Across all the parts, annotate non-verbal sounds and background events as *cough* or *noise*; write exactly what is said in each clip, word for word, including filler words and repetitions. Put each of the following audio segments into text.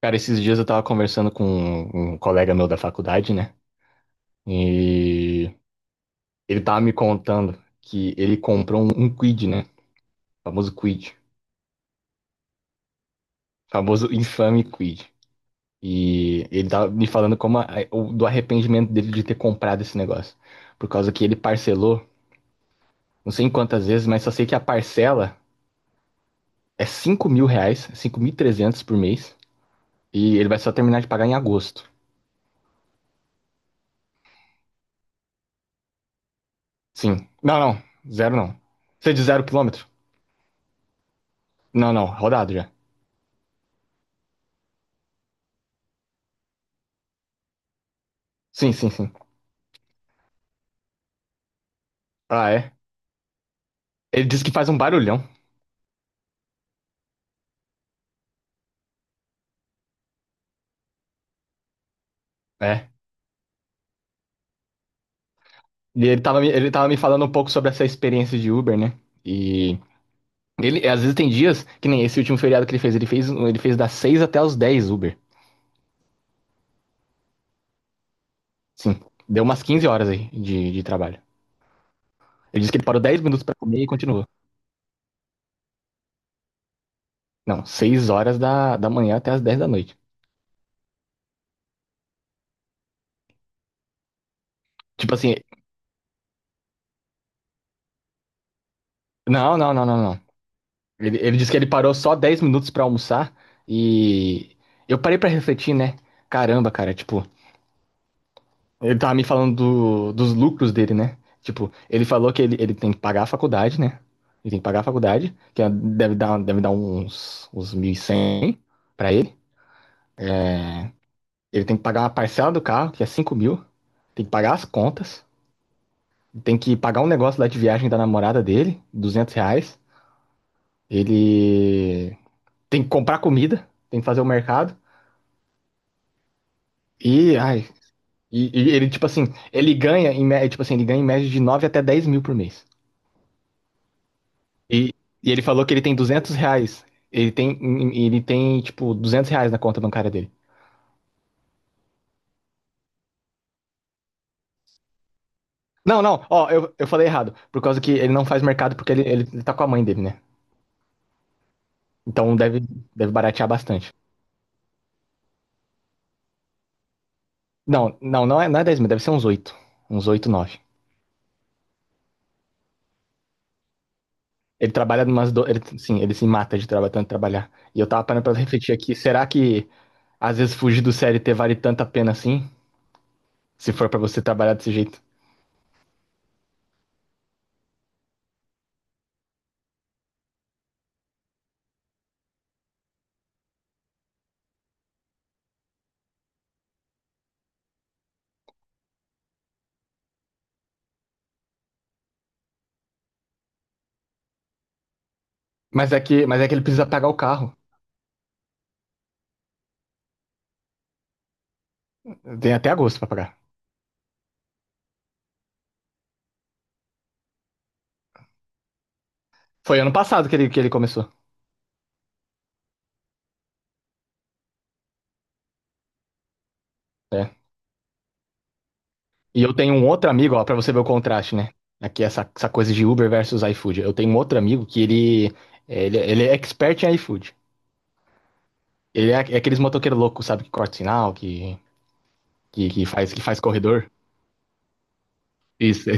Cara, esses dias eu tava conversando com um um colega meu da faculdade, né? E ele tava me contando que ele comprou um, um quid, né? Famoso quid. Famoso infame quid. E ele tava me falando como a- o- do arrependimento dele de ter comprado esse negócio. Por causa que ele parcelou, não sei em quantas vezes, mas só sei que a parcela é cinco mil reais, cinco mil e trezentos por mês. E ele vai só terminar de pagar em agosto. Sim. Não, não. Zero não. Você é de zero quilômetro? Não, não. Rodado já. Sim, sim, sim. Ah, é? Ele disse que faz um barulhão. É. E ele tava, me- ele tava me falando um pouco sobre essa experiência de Uber, né? E ele, às vezes tem dias, que nem esse último feriado que ele fez, ele fez, ele fez das seis até os dez Uber. Sim. Deu umas quinze horas aí de, de trabalho. Ele disse que ele parou dez minutos pra comer e continuou. Não, seis horas da, da manhã até as dez da noite. Tipo assim, não, não, não, não, não. Ele, ele disse que ele parou só dez minutos pra almoçar e eu parei pra refletir, né? Caramba, cara, tipo, ele tava me falando do- dos lucros dele, né? Tipo, ele falou que ele, ele tem que pagar a faculdade, né? Ele tem que pagar a faculdade, que é- deve dar, deve dar uns, uns mil e cem pra ele. Ele tem que pagar uma parcela do carro, que é cinco mil. Tem que pagar as contas. Tem que pagar um negócio lá de viagem da namorada dele, duzentos reais. Ele tem que comprar comida, tem que fazer o mercado. E, ai, e, e ele, tipo assim, ele ganha, em, mé- tipo assim, ele ganha em média de nove até dez mil por mês. E, e ele falou que ele tem duzentos reais. Ele tem, ele tem, tipo, duzentos reais na conta bancária dele. Não, não, ó, eu, eu falei errado. Por causa que ele não faz mercado porque ele, ele tá com a mãe dele, né? Então deve, deve baratear bastante. Não, não, não é, não é dez mil, deve ser uns oito, uns oito nove. Ele trabalha umas. Do... Ele, sim, ele se mata de traba- tanto trabalhar. E eu tava parando pra refletir aqui, será que às vezes fugir do C L T vale tanta pena assim? Se for pra você trabalhar desse jeito. Mas é que, mas é que ele precisa pagar o carro. Tem até agosto pra pagar. Foi ano passado que ele, que ele começou. É. E eu tenho um outro amigo, ó, pra você ver o contraste, né? Aqui essa, essa coisa de Uber versus iFood. Eu tenho um outro amigo que ele, é, ele, ele é expert em iFood. Ele é, é aqueles motoqueiros loucos, sabe? Que corta sinal, que, que, que faz, que faz corredor. Isso.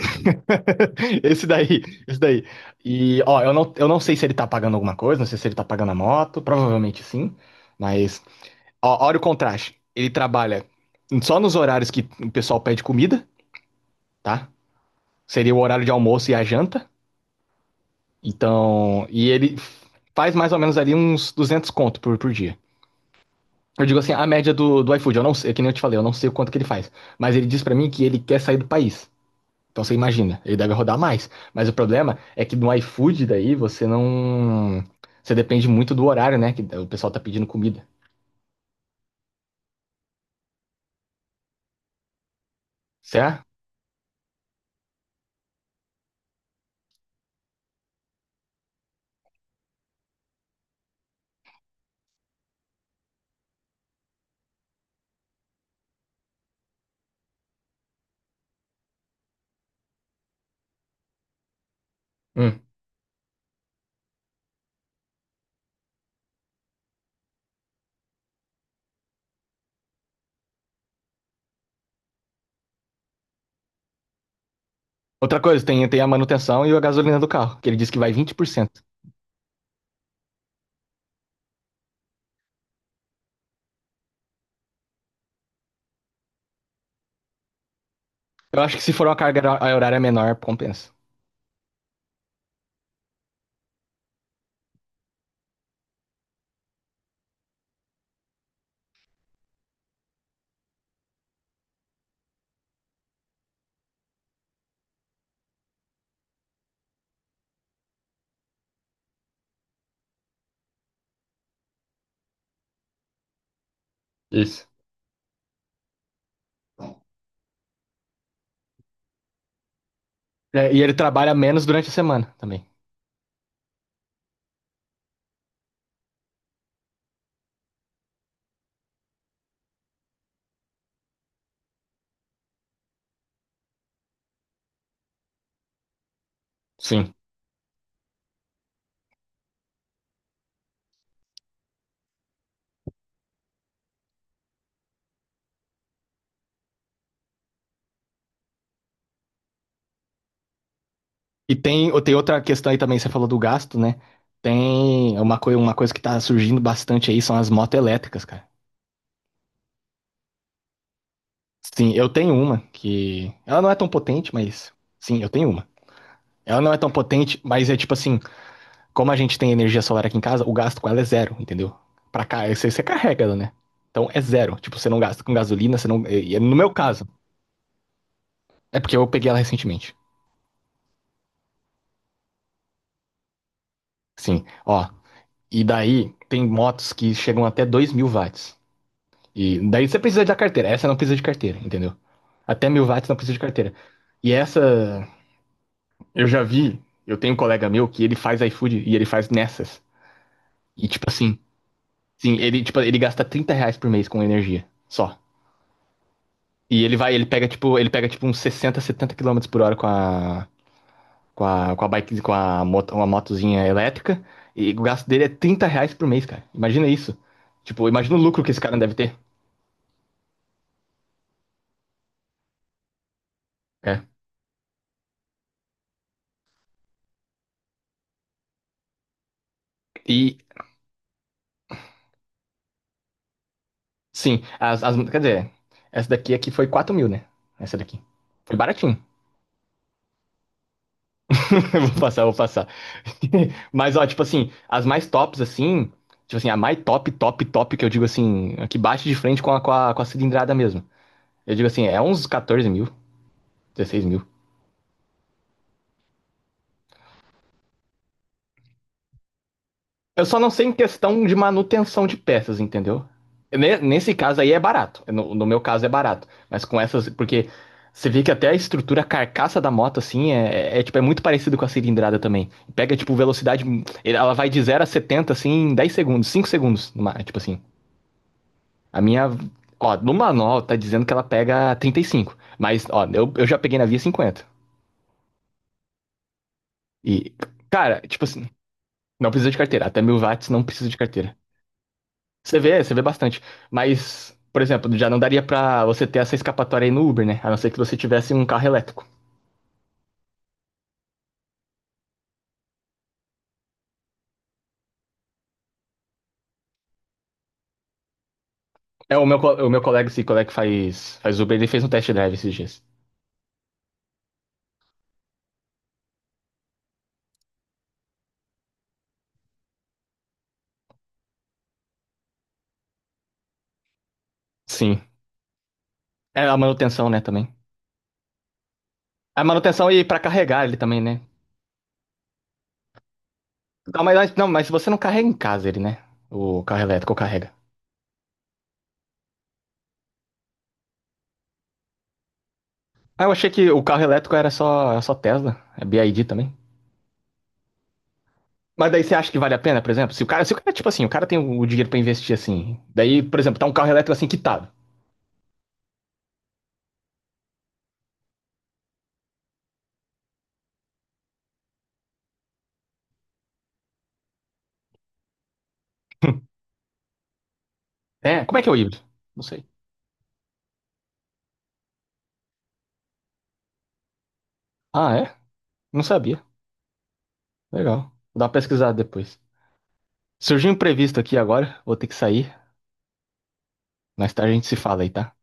*laughs* Esse daí, esse daí. E, ó, eu não, eu não sei se ele tá pagando alguma coisa, não sei se ele tá pagando a moto, provavelmente sim. Mas, ó, olha o contraste. Ele trabalha só nos horários que o pessoal pede comida, tá? Seria o horário de almoço e a janta. Então, e ele faz mais ou menos ali uns duzentos conto por, por dia. Eu digo assim, a média do, do iFood, eu não sei, é que nem eu te falei, eu não sei o quanto que ele faz. Mas ele diz pra mim que ele quer sair do país. Então você imagina, ele deve rodar mais. Mas o problema é que no iFood daí você não. Você depende muito do horário, né? Que o pessoal tá pedindo comida. Certo? Hum. Outra coisa, tem, tem a manutenção e a gasolina do carro, que ele diz que vai vinte por cento. Eu acho que se for uma carga hora- horária menor, compensa. Isso. É, e ele trabalha menos durante a semana também. Sim. E tem, tem outra questão aí também, você falou do gasto, né? Tem uma, coi- uma coisa que tá surgindo bastante aí, são as motos elétricas, cara. Sim, eu tenho uma que. Ela não é tão potente, mas. Sim, eu tenho uma. Ela não é tão potente, mas é tipo assim, como a gente tem energia solar aqui em casa, o gasto com ela é zero, entendeu? Pra cá, você, você carrega ela, né? Então é zero. Tipo, você não gasta com gasolina, você não. e- e No meu caso, é porque eu peguei ela recentemente. Sim, ó, e daí tem motos que chegam até dois mil watts. E daí você precisa da carteira. Essa não precisa de carteira, entendeu? Até mil watts não precisa de carteira. E essa, eu já vi. Eu tenho um colega meu que ele faz iFood e ele faz nessas. E tipo assim, sim, ele, tipo, ele gasta trinta reais por mês com energia. Só. E ele vai, ele pega, tipo, ele pega, tipo, uns sessenta setenta quilômetros por hora com a. Com a, com a bike, com a moto, uma motozinha elétrica. E o gasto dele é trinta reais por mês, cara. Imagina isso. Tipo, imagina o lucro que esse cara deve ter. É. E, sim, as, as. Quer dizer, essa daqui aqui foi quatro mil, né? Essa daqui. Foi baratinho. *laughs* Eu vou passar, eu vou passar. *laughs* Mas, ó, tipo assim, as mais tops, assim. Tipo assim, a mais top, top, top, que eu digo assim, a que bate de frente com a, com a, com a cilindrada mesmo. Eu digo assim, é uns quatorze mil, dezesseis mil. Eu só não sei em questão de manutenção de peças, entendeu? Ne- Nesse caso aí é barato. No, no meu caso é barato. Mas com essas. Porque você vê que até a estrutura, a carcaça da moto, assim, é, é, tipo, é muito parecido com a cilindrada também. Pega, tipo, velocidade. Ela vai de zero a setenta assim, em dez segundos, cinco segundos. numa- Tipo assim. A minha. Ó, no manual tá dizendo que ela pega trinta e cinco. Mas, ó, eu, eu já peguei na via cinquenta. E, cara, tipo assim, não precisa de carteira. Até mil watts não precisa de carteira. Você vê, você vê bastante. Mas, por exemplo, já não daria pra você ter essa escapatória aí no Uber, né? A não ser que você tivesse um carro elétrico. É, o meu, co- o meu colega, esse colega que faz, faz Uber, ele fez um test drive esses dias. Sim. É a manutenção, né, também. A manutenção e pra carregar ele também, né? Não, mas, não, mas você não carrega em casa ele, né? O carro elétrico carrega. Ah, eu achei que o carro elétrico era só, era só Tesla, é B Y D também. Mas daí você acha que vale a pena, por exemplo? Se o cara, se o cara, tipo assim, o cara tem o dinheiro pra investir assim. Daí, por exemplo, tá um carro elétrico assim quitado. É, como é que é o híbrido? Não sei. Ah, é? Não sabia. Legal. Vou dar uma pesquisada depois. Surgiu um imprevisto aqui agora, vou ter que sair. Mais tarde a gente se fala aí, tá?